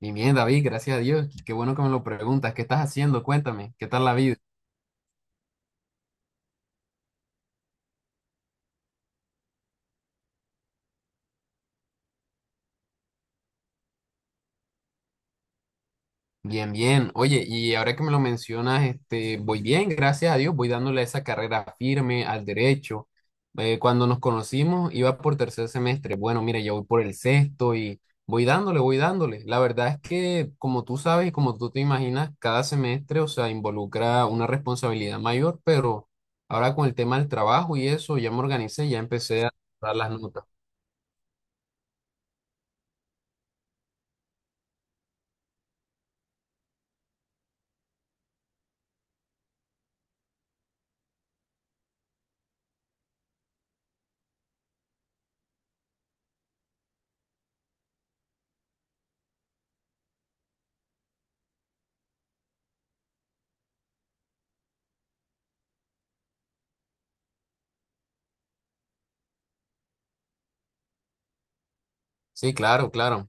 Y bien, David, gracias a Dios. Qué bueno que me lo preguntas. ¿Qué estás haciendo? Cuéntame, ¿qué tal la vida? Bien, bien. Oye, y ahora que me lo mencionas, voy bien, gracias a Dios. Voy dándole esa carrera firme al derecho. Cuando nos conocimos, iba por tercer semestre. Bueno, mira, yo voy por el sexto y voy dándole, voy dándole. La verdad es que, como tú sabes y como tú te imaginas, cada semestre, o sea, involucra una responsabilidad mayor, pero ahora con el tema del trabajo y eso, ya me organicé, ya empecé a dar las notas. Sí, claro, claro.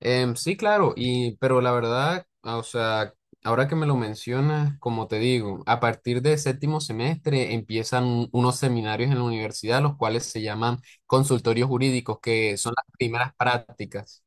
Sí, claro, pero la verdad, o sea, ahora que me lo mencionas, como te digo, a partir de séptimo semestre empiezan unos seminarios en la universidad, los cuales se llaman consultorios jurídicos, que son las primeras prácticas.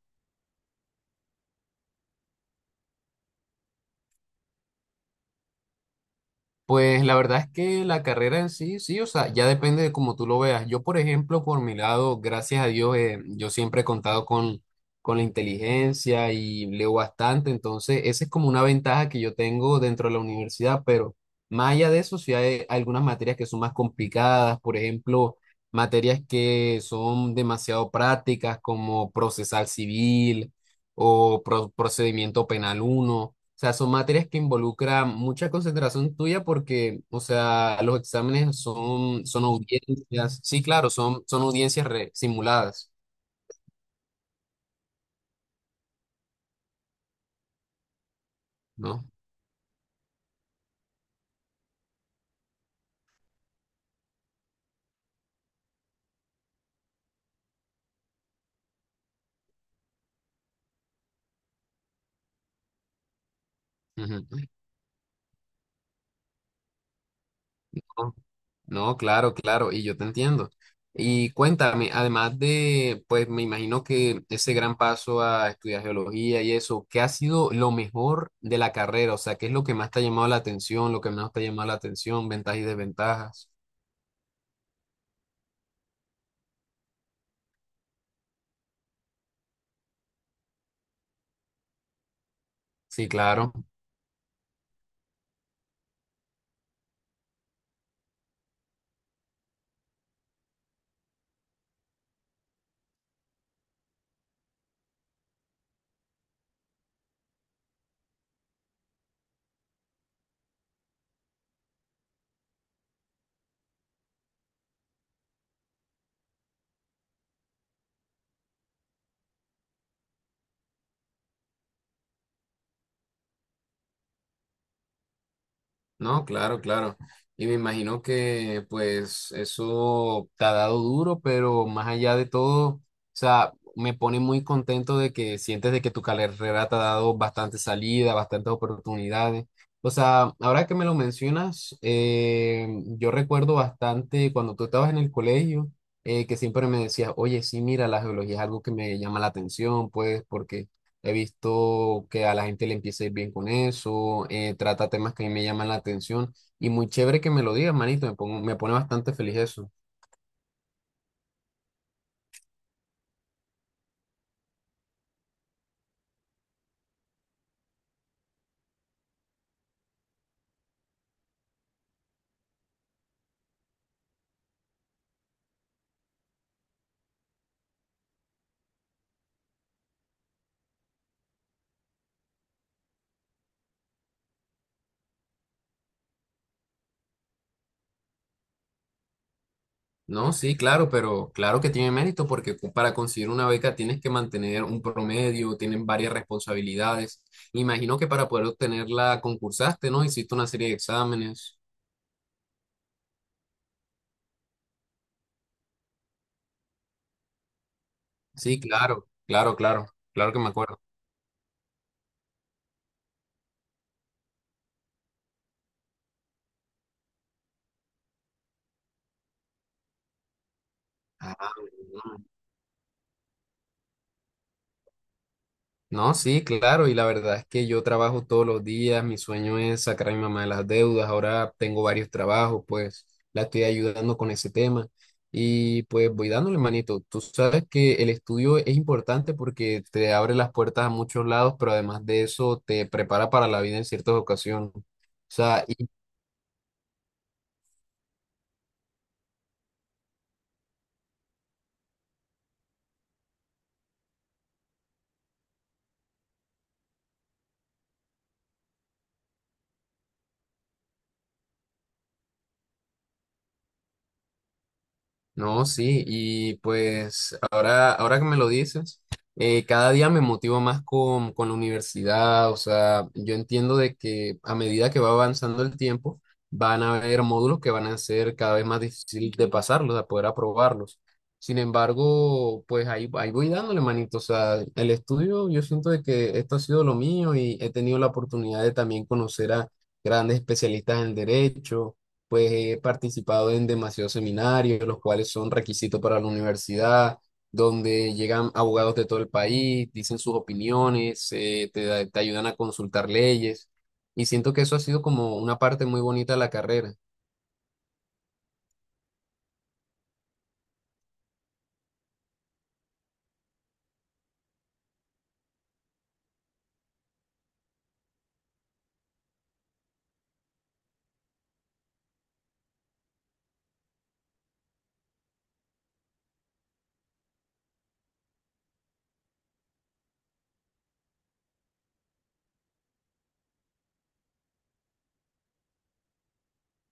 Pues la verdad es que la carrera en sí, sí, o sea, ya depende de cómo tú lo veas. Yo, por ejemplo, por mi lado, gracias a Dios, yo siempre he contado con la inteligencia y leo bastante, entonces esa es como una ventaja que yo tengo dentro de la universidad, pero más allá de eso, sí hay algunas materias que son más complicadas, por ejemplo, materias que son demasiado prácticas como procesal civil o procedimiento penal uno sea, son materias que involucran mucha concentración tuya porque, o sea, los exámenes son audiencias. Sí, claro, son audiencias simuladas, ¿no? Ujú. No, no, claro, claro, y yo te entiendo. Y cuéntame, además de, pues me imagino que ese gran paso a estudiar geología y eso, ¿qué ha sido lo mejor de la carrera? O sea, ¿qué es lo que más te ha llamado la atención, lo que menos te ha llamado la atención, ventajas y desventajas? Sí, claro. No, claro, claro. Y me imagino que pues eso te ha dado duro, pero más allá de todo, o sea, me pone muy contento de que sientes de que tu carrera te ha dado bastante salida, bastantes oportunidades. O sea, ahora que me lo mencionas, yo recuerdo bastante cuando tú estabas en el colegio, que siempre me decías, oye, sí, mira, la geología es algo que me llama la atención, pues, porque he visto que a la gente le empieza a ir bien con eso, trata temas que a mí me llaman la atención y muy chévere que me lo digas, manito, me pone bastante feliz eso. No, sí, claro, pero claro que tiene mérito porque para conseguir una beca tienes que mantener un promedio, tienen varias responsabilidades. Imagino que para poder obtenerla concursaste, ¿no? Hiciste una serie de exámenes. Sí, claro, claro, claro, claro que me acuerdo. Ah, no, sí, claro, y la verdad es que yo trabajo todos los días, mi sueño es sacar a mi mamá de las deudas, ahora tengo varios trabajos, pues la estoy ayudando con ese tema y pues voy dándole manito. Tú sabes que el estudio es importante porque te abre las puertas a muchos lados, pero además de eso te prepara para la vida en ciertas ocasiones. O sea, y no, sí, y pues ahora que me lo dices, cada día me motivo más con la universidad, o sea, yo entiendo de que a medida que va avanzando el tiempo, van a haber módulos que van a ser cada vez más difícil de pasarlos, de poder aprobarlos. Sin embargo, pues ahí voy dándole manito, o sea, el estudio, yo siento de que esto ha sido lo mío y he tenido la oportunidad de también conocer a grandes especialistas en derecho, pues he participado en demasiados seminarios, los cuales son requisitos para la universidad, donde llegan abogados de todo el país, dicen sus opiniones, te, te ayudan a consultar leyes, y siento que eso ha sido como una parte muy bonita de la carrera.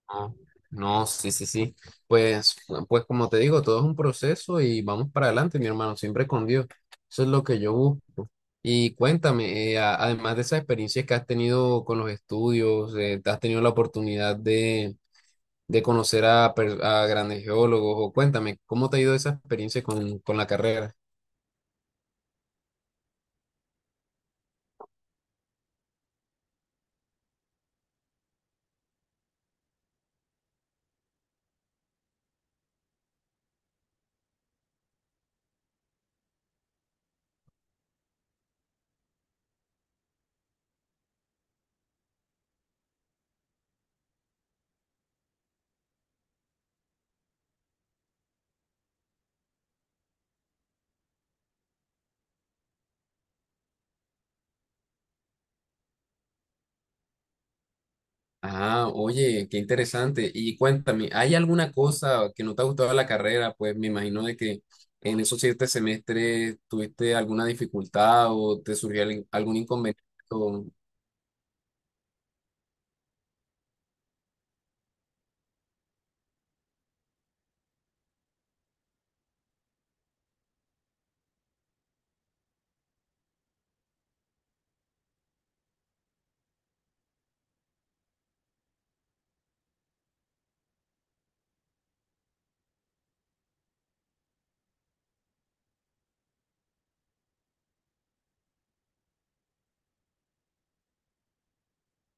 No, no, sí, sí, sí. Pues, pues como te digo, todo es un proceso y vamos para adelante, mi hermano, siempre con Dios. Eso es lo que yo busco. Y cuéntame, además de esas experiencias que has tenido con los estudios, ¿te has tenido la oportunidad de conocer a grandes geólogos? O cuéntame, ¿cómo te ha ido esa experiencia con la carrera? Ah, oye, qué interesante. Y cuéntame, ¿hay alguna cosa que no te ha gustado de la carrera? Pues me imagino de que en esos siete semestres tuviste alguna dificultad o te surgió algún inconveniente.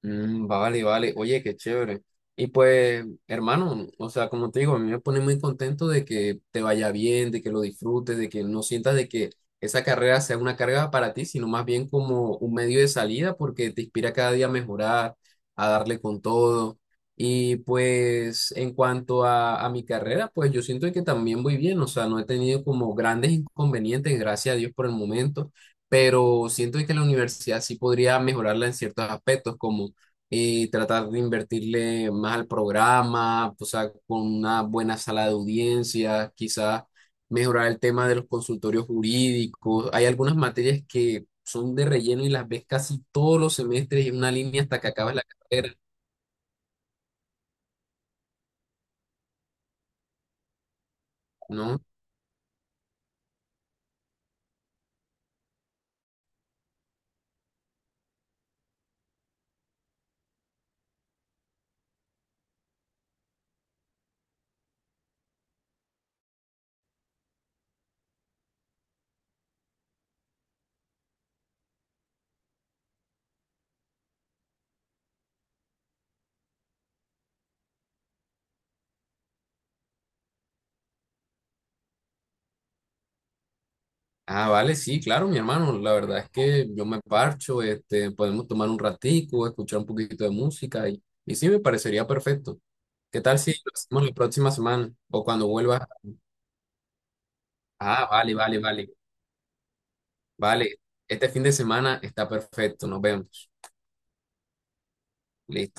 Mm, vale, vale. Oye, qué chévere. Y pues, hermano, o sea, como te digo, a mí me pone muy contento de que te vaya bien, de que lo disfrutes, de que no sientas de que esa carrera sea una carga para ti, sino más bien como un medio de salida porque te inspira cada día a mejorar, a darle con todo. Y pues, en cuanto a mi carrera, pues yo siento que también voy bien, o sea, no he tenido como grandes inconvenientes, gracias a Dios por el momento, pero siento que la universidad sí podría mejorarla en ciertos aspectos, como y tratar de invertirle más al programa, o sea, con una buena sala de audiencias, quizás mejorar el tema de los consultorios jurídicos. Hay algunas materias que son de relleno y las ves casi todos los semestres y en una línea hasta que acabas la carrera, ¿no? Ah, vale, sí, claro, mi hermano. La verdad es que yo me parcho, podemos tomar un ratico, escuchar un poquito de música y sí, me parecería perfecto. ¿Qué tal si lo hacemos la próxima semana o cuando vuelvas? Ah, vale, vale, vale. Vale, este fin de semana está perfecto, nos vemos. Listo.